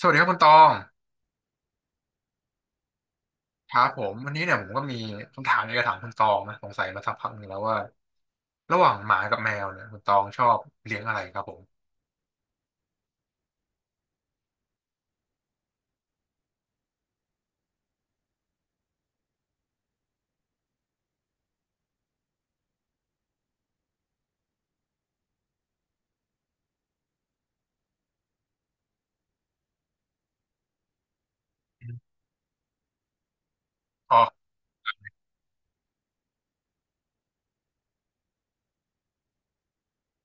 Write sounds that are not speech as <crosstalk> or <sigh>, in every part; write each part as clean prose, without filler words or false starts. สวัสดีครับคุณตอง ครับผมวันนี้เนี่ยผมก็มีคำถามอยากจะถามคุณตองนะสงสัยมาสักพักหนึ่งแล้วว่าระหว่างหมากับแมวเนี่ยคุณตองชอบเลี้ยงอะไรครับผมอ๋อ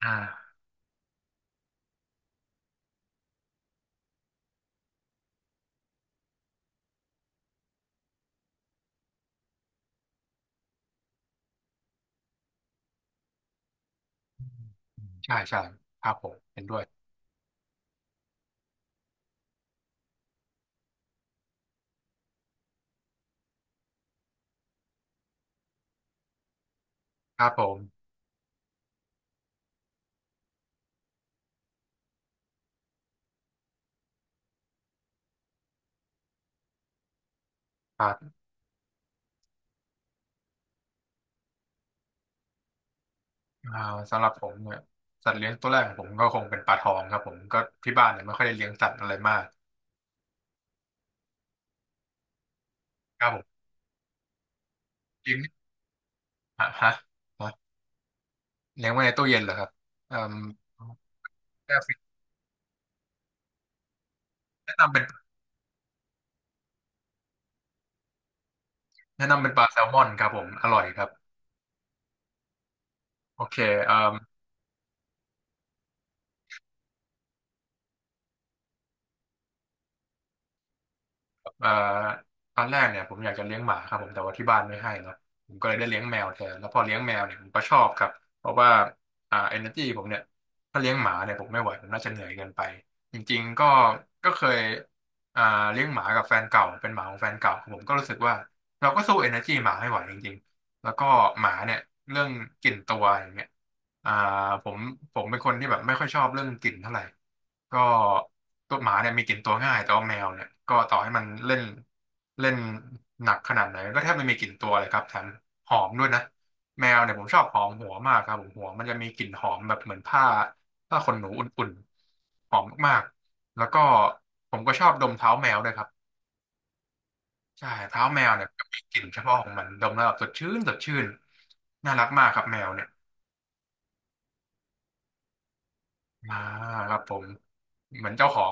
อ่าใช่ใช่ครับผมเห็นด้วยครับผมครับอ่าสำหรับผมเนี่ยสัตว์เลี้ยงตัวแรกของผมก็คงเป็นปลาทองครับผมก็ที่บ้านเนี่ยไม่ค่อยได้เลี้ยงสัตว์อะไรมากครับผมเลี้ยงฮะฮะฮะเลี้ยงไว้ในตู้เย็นเหรอครับเอ่มแนะนำเป็นปลาแซลมอนครับผมอร่อยครับโอเคเอ่อ เอ่อตอนแรกเนี่ยผมอยากจะเลี้ยงหมาครับผมแต่ว่าที่บ้านไม่ให้เนาะผมก็เลยได้เลี้ยงแมวแทนแล้วพอเลี้ยงแมวเนี่ยผมก็ชอบครับเพราะว่าเอเนอร์จีผมเนี่ยถ้าเลี้ยงหมาเนี่ยผมไม่ไหวผมน่าจะเหนื่อยเกินไปจริงๆก็เคยอ่าเลี้ยงหมากับแฟนเก่าเป็นหมาของแฟนเก่าผมก็รู้สึกว่าเราก็สู้เอเนอร์จีหมาไม่ไหวจริงๆ แล้วก็หมาเนี่ยเรื่องกลิ่นตัวอย่างเงี้ยอ่าผมเป็นคนที่แบบไม่ค่อยชอบเรื่องกลิ่นเท่าไหร่ก็ตัวหมาเนี่ยมีกลิ่นตัวง่ายแต่ว่าแมวเนี่ยก็ต่อให้มันเล่นเล่นหนักขนาดไหนก็แทบไม่มีกลิ่นตัวเลยครับแถมหอมด้วยนะแมวเนี่ยผมชอบหอมหัวมากครับผมหัวมันจะมีกลิ่นหอมแบบเหมือนผ้าขนหนูอุ่นๆหอมมากๆแล้วก็ผมก็ชอบดมเท้าแมวด้วยครับ ใช่เท้าแมวเนี่ยมีกลิ่นเฉพาะของมันดมแล้วแบบสดชื่นสดชื่นน่ารักมากครับแมวเนี่ยอ่าครับผมเหมือนเจ้าของ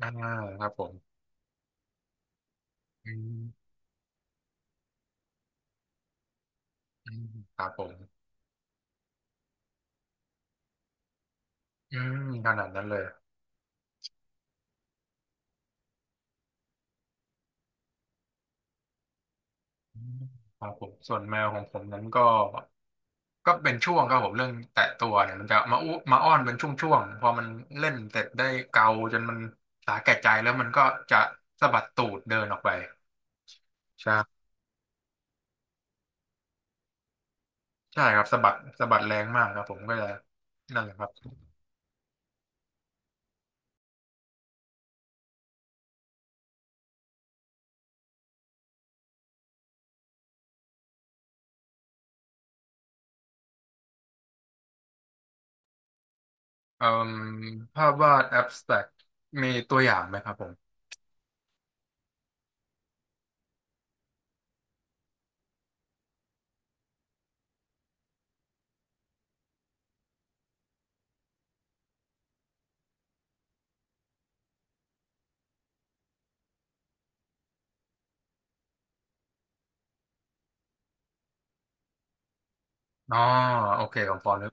อ่าครับผมอืมอืมครับผมอืมขนาดนั้นเลยอืมครับผมส่วนแมวของผมนั้นก็ก็เป็นช่วงครับผมเรื่องแตะตัวเนี่ยมันจะมาอุมาอ้อนเป็นช่วงๆพอมันเล่นเสร็จได้เกาจนมันสาแก่ใจแล้วมันก็จะสะบัดตูดเดินออกไปใช่ใช่ครับสะบัดสะบัดแรงมากครับผมก็จะนั่นแหละครับ เอ่มภาพวาดแอบสแต็กมีตัวอย่างไหมครับผม อ๋อ โอเคผมพอนึก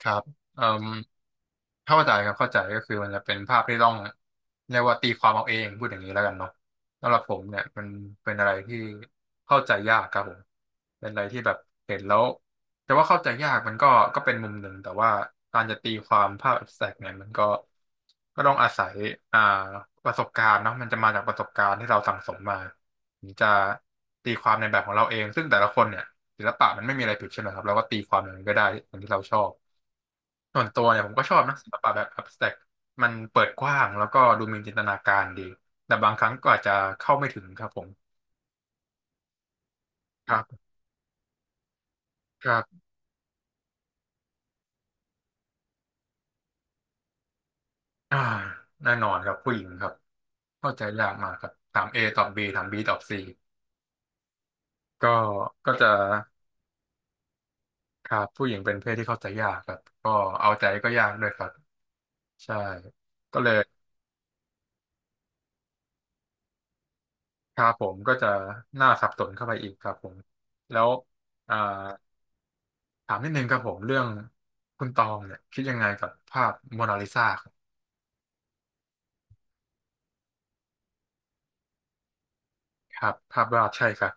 ครับเอ่ม เข้าใจครับเข้าใจก็คือมันจะเป็นภาพที่ต้องเรียกว่าตีความเอาเองพูดอย่างนี้แล้วกันเนาะสำหรับผมเนี่ยมันเป็นอะไรที่เข้าใจยากครับผมเป็นอะไรที่แบบเห็นแล้วแต่ว่าเข้าใจยากมันก็ก็เป็นมุมหนึ่งแต่ว่าการจะตีความภาพ abstract เนี่ยมันก็ก็ต้องอาศัยอ่าประสบการณ์เนาะมันจะมาจากประสบการณ์ที่เราสั่งสมมาถึงจะตีความในแบบของเราเองซึ่งแต่ละคนเนี่ยศิลปะมันไม่มีอะไรผิดใช่ไหมครับเราก็ตีความอย่างนั้นก็ได้อย่างที่เราชอบ ส่วนตัวเนี่ยผมก็ชอบนะศิลปะแบบ abstract มันเปิดกว้างแล้วก็ดูมีจินตนาการดีแต่บางครั้งก็อาจจะเข้าไม่ถึงครับผมครับครับอ่าแน่นอนครับผู้หญิงครับเข้าใจยากมากครับถาม A ตอบ B ถาม B ตอบ C ก็จะครับผู้หญิงเป็นเพศที่เข้าใจยากครับก็เอาใจก็ยากด้วยครับใช่ก็เลยครับผมก็จะหน้าสับสนเข้าไปอีกครับผมแล้วอ่า ถามนิดนึงครับผมเรื่องคุณตองเนี่ยคิดยังไงกับภาพโมนาลิซาครับภาพวาดใช่ครับ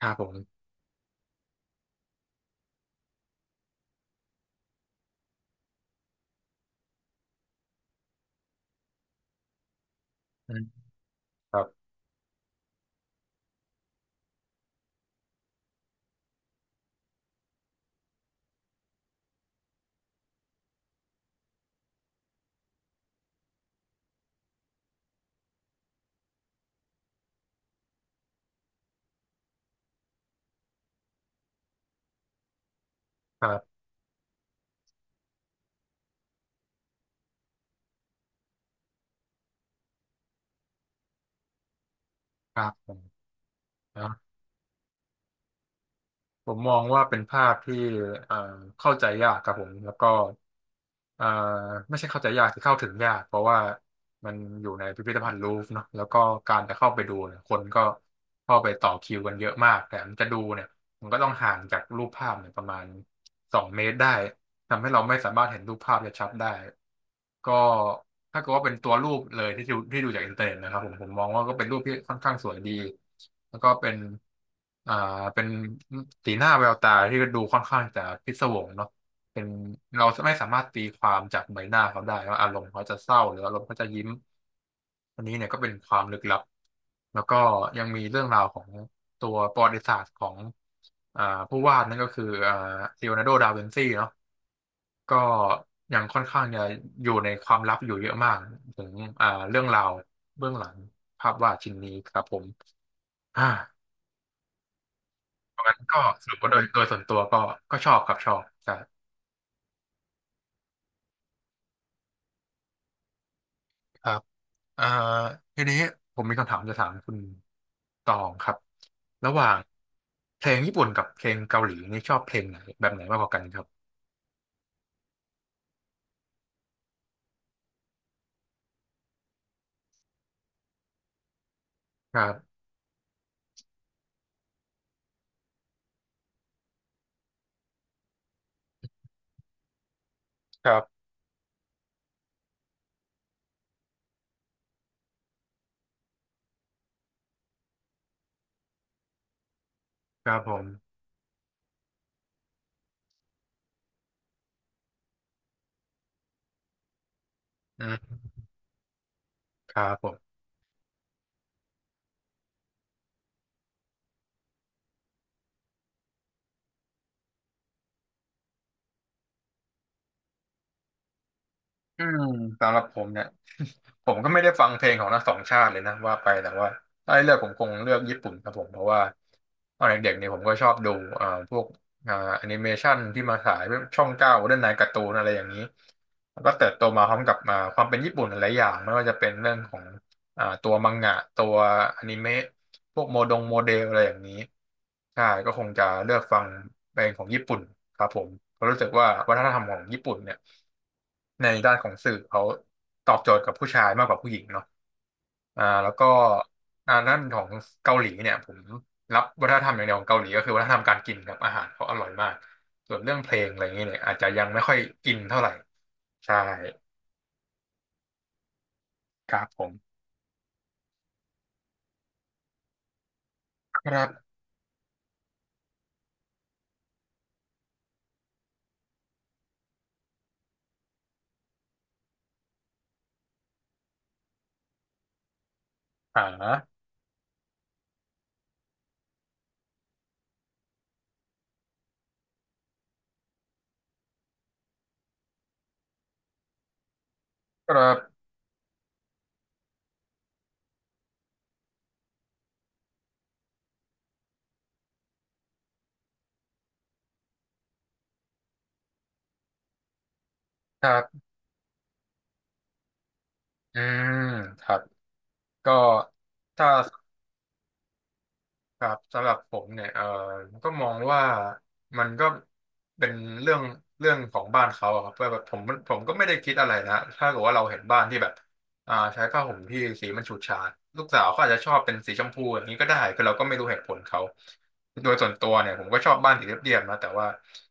ครับผมอืมครับครับครับผมนะผมมองว่าเป็นภาพที่เอ่อเข้าใจยากครับผมแล้วก็เอ่อไม่ใช่เข้าใจยากคือเข้าถึงยากเพราะว่ามันอยู่ในพิพิธภัณฑ์ลูฟร์เนาะแล้วก็การจะเข้าไปดูเนี่ยคนก็เข้าไปต่อคิวกันเยอะมากแต่มันจะดูเนี่ยมันก็ต้องห่างจากรูปภาพเนี่ยประมาณ2 เมตรได้ ทำให้เราไม่สามารถเห็นรูปภาพได้ชัดได้ก็ถ้าเกิดว่าเป็นตัวรูปเลยที่ดูจากอินเทอร์เน็ตนะครับผมผมมองว่าก็เป็นรูปที่ค่อนข้างสวยดีแล้วก็เป็นอ่าเป็นสีหน้าแววตาที่ดูค่อนข้างจะพิศวงเนาะเป็นเราไม่สามารถตีความจากใบหน้าเขาได้ว่าอารมณ์เขาจะเศร้าหรืออารมณ์เขาจะยิ้มอันนี้เนี่ยก็เป็นความลึกลับแล้วก็ยังมีเรื่องราวของตัวประวัติศาสตร์ของอ่าผู้วาดนั่นก็คือลีโอนาร์โดดาวินซีเนาะ ก็ยังค่อนข้างจะอยู่ในความลับอยู่เยอะมากถึงเรื่องราวเบื้องหลังภาพวาดชิ้นนี้ครับผมอ่าเพราะงั้นก็สรุปว่าโดยส่วนตัวก็ก็ชอบครับชอบใช่ครับอ่าทีนี้ผมมีคำถามจะถามคุณตองครับระหว่างเพลงญี่ปุ่นกับเพลงเกาหลีนี่ชอบเพลงไหนแบบไหนมากกว่ากันครับครับครับครับผมอืมครับผม อืมสำหรับผมเนี่ย <laughs> ผมก็ไม่ได้ฟังเพลงของทั้งสองชาติเลยนะว่าไปแต่ว่าถ้าให้เลือกผมคงเลือกญี่ปุ่นครับผมเพราะว่าตอนเด็กๆเนี่ยผมก็ชอบดูพวกแอนิเมชันที่มาฉายช่องเก้าเรื่องนายการ์ตูนอะไรอย่างนี้แล้วก็เติบโตมาพร้อมกับความเป็นญี่ปุ่นหลายๆอย่างไม่ว่าจะเป็นเรื่องของ ตัวมังงะตัวอนิเมะพวกโมดงโมเดลอะไรอย่างนี้ใช่ก็คงจะเลือกฟังเพลงของญี่ปุ่นครับผมเพราะรู้สึกว่าวัฒนธรรมของญี่ปุ่นเนี่ยในด้านของสื่อเขาตอบโจทย์กับผู้ชายมากกว่าผู้หญิงเนาะแล้วก็ด้านของเกาหลีเนี่ยผมรับวัฒนธรรมอย่างเดียวของเกาหลีก็คือวัฒนธรรมการกินครับอาหารเขาอร่อยมากส่วนเรื่องเพลงอะไรอย่างเงี้ยเนี่ยอาจจะยังไม่ค่อยอินเท่าไหร่ใช่ครับผมครับอ่าครับครับ อ่าครับก็ถ้า ครับสำหรับผมเนี่ยเออก็มองว่ามันก็เป็นเรื่องเรื่องของบ้านเขาอะครับว่าแบบผมก็ไม่ได้คิดอะไรนะถ้าเกิดว่าเราเห็นบ้านที่แบบใช้ผ้าห่มที่สีมันฉูดฉาดลูกสาวเขาอาจจะชอบเป็นสีชมพูอย่างนี้ก็ได้คือเราก็ไม่รู้เหตุผลเขาโดยส่วนตัวเนี่ยผมก็ชอบบ้านสีเรียบๆนะแต่ว่า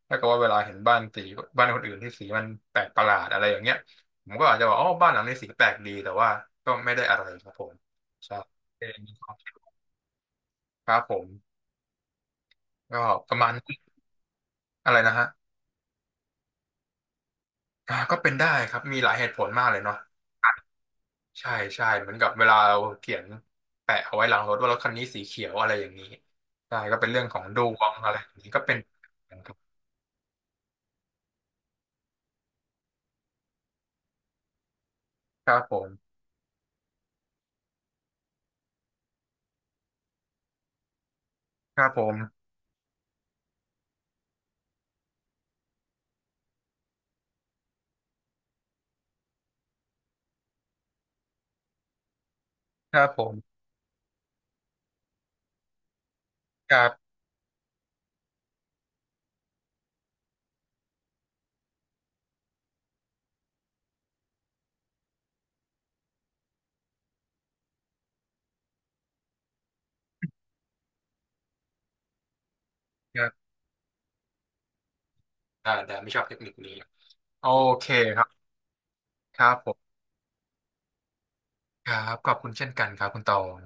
ถ้าเกิดว่าเวลาเห็นบ้านสีบ้านคนอื่นที่สีมันแปลกประหลาดอะไรอย่างเงี้ยผมก็อาจจะบอกอ๋อบ้านหลังนี้สีแปลกดีแต่ว่าก็ไม่ได้อะไรครับผมใช่เองครับผม ก็ประมาณน้อะไรนะฮะก็เป็นได้ครับมีหลายเหตุผลมากเลยเนาะใช่ใช่เหมือนกับเวลาเราเขียนแปะเอาไว้หลังรถว่ารถคันนี้สีเขียวอะไรอย่างนี้ใช่ก็เป็นเรื่องของดวงอะไรอย่างนี้ก็เป็นครับครับผมครับผมครับผมครับครับแต่ไม่ชอบเทคนิคนี้โอเคครับครับผมครับขอบคุณเช่นกันครับคุณตอง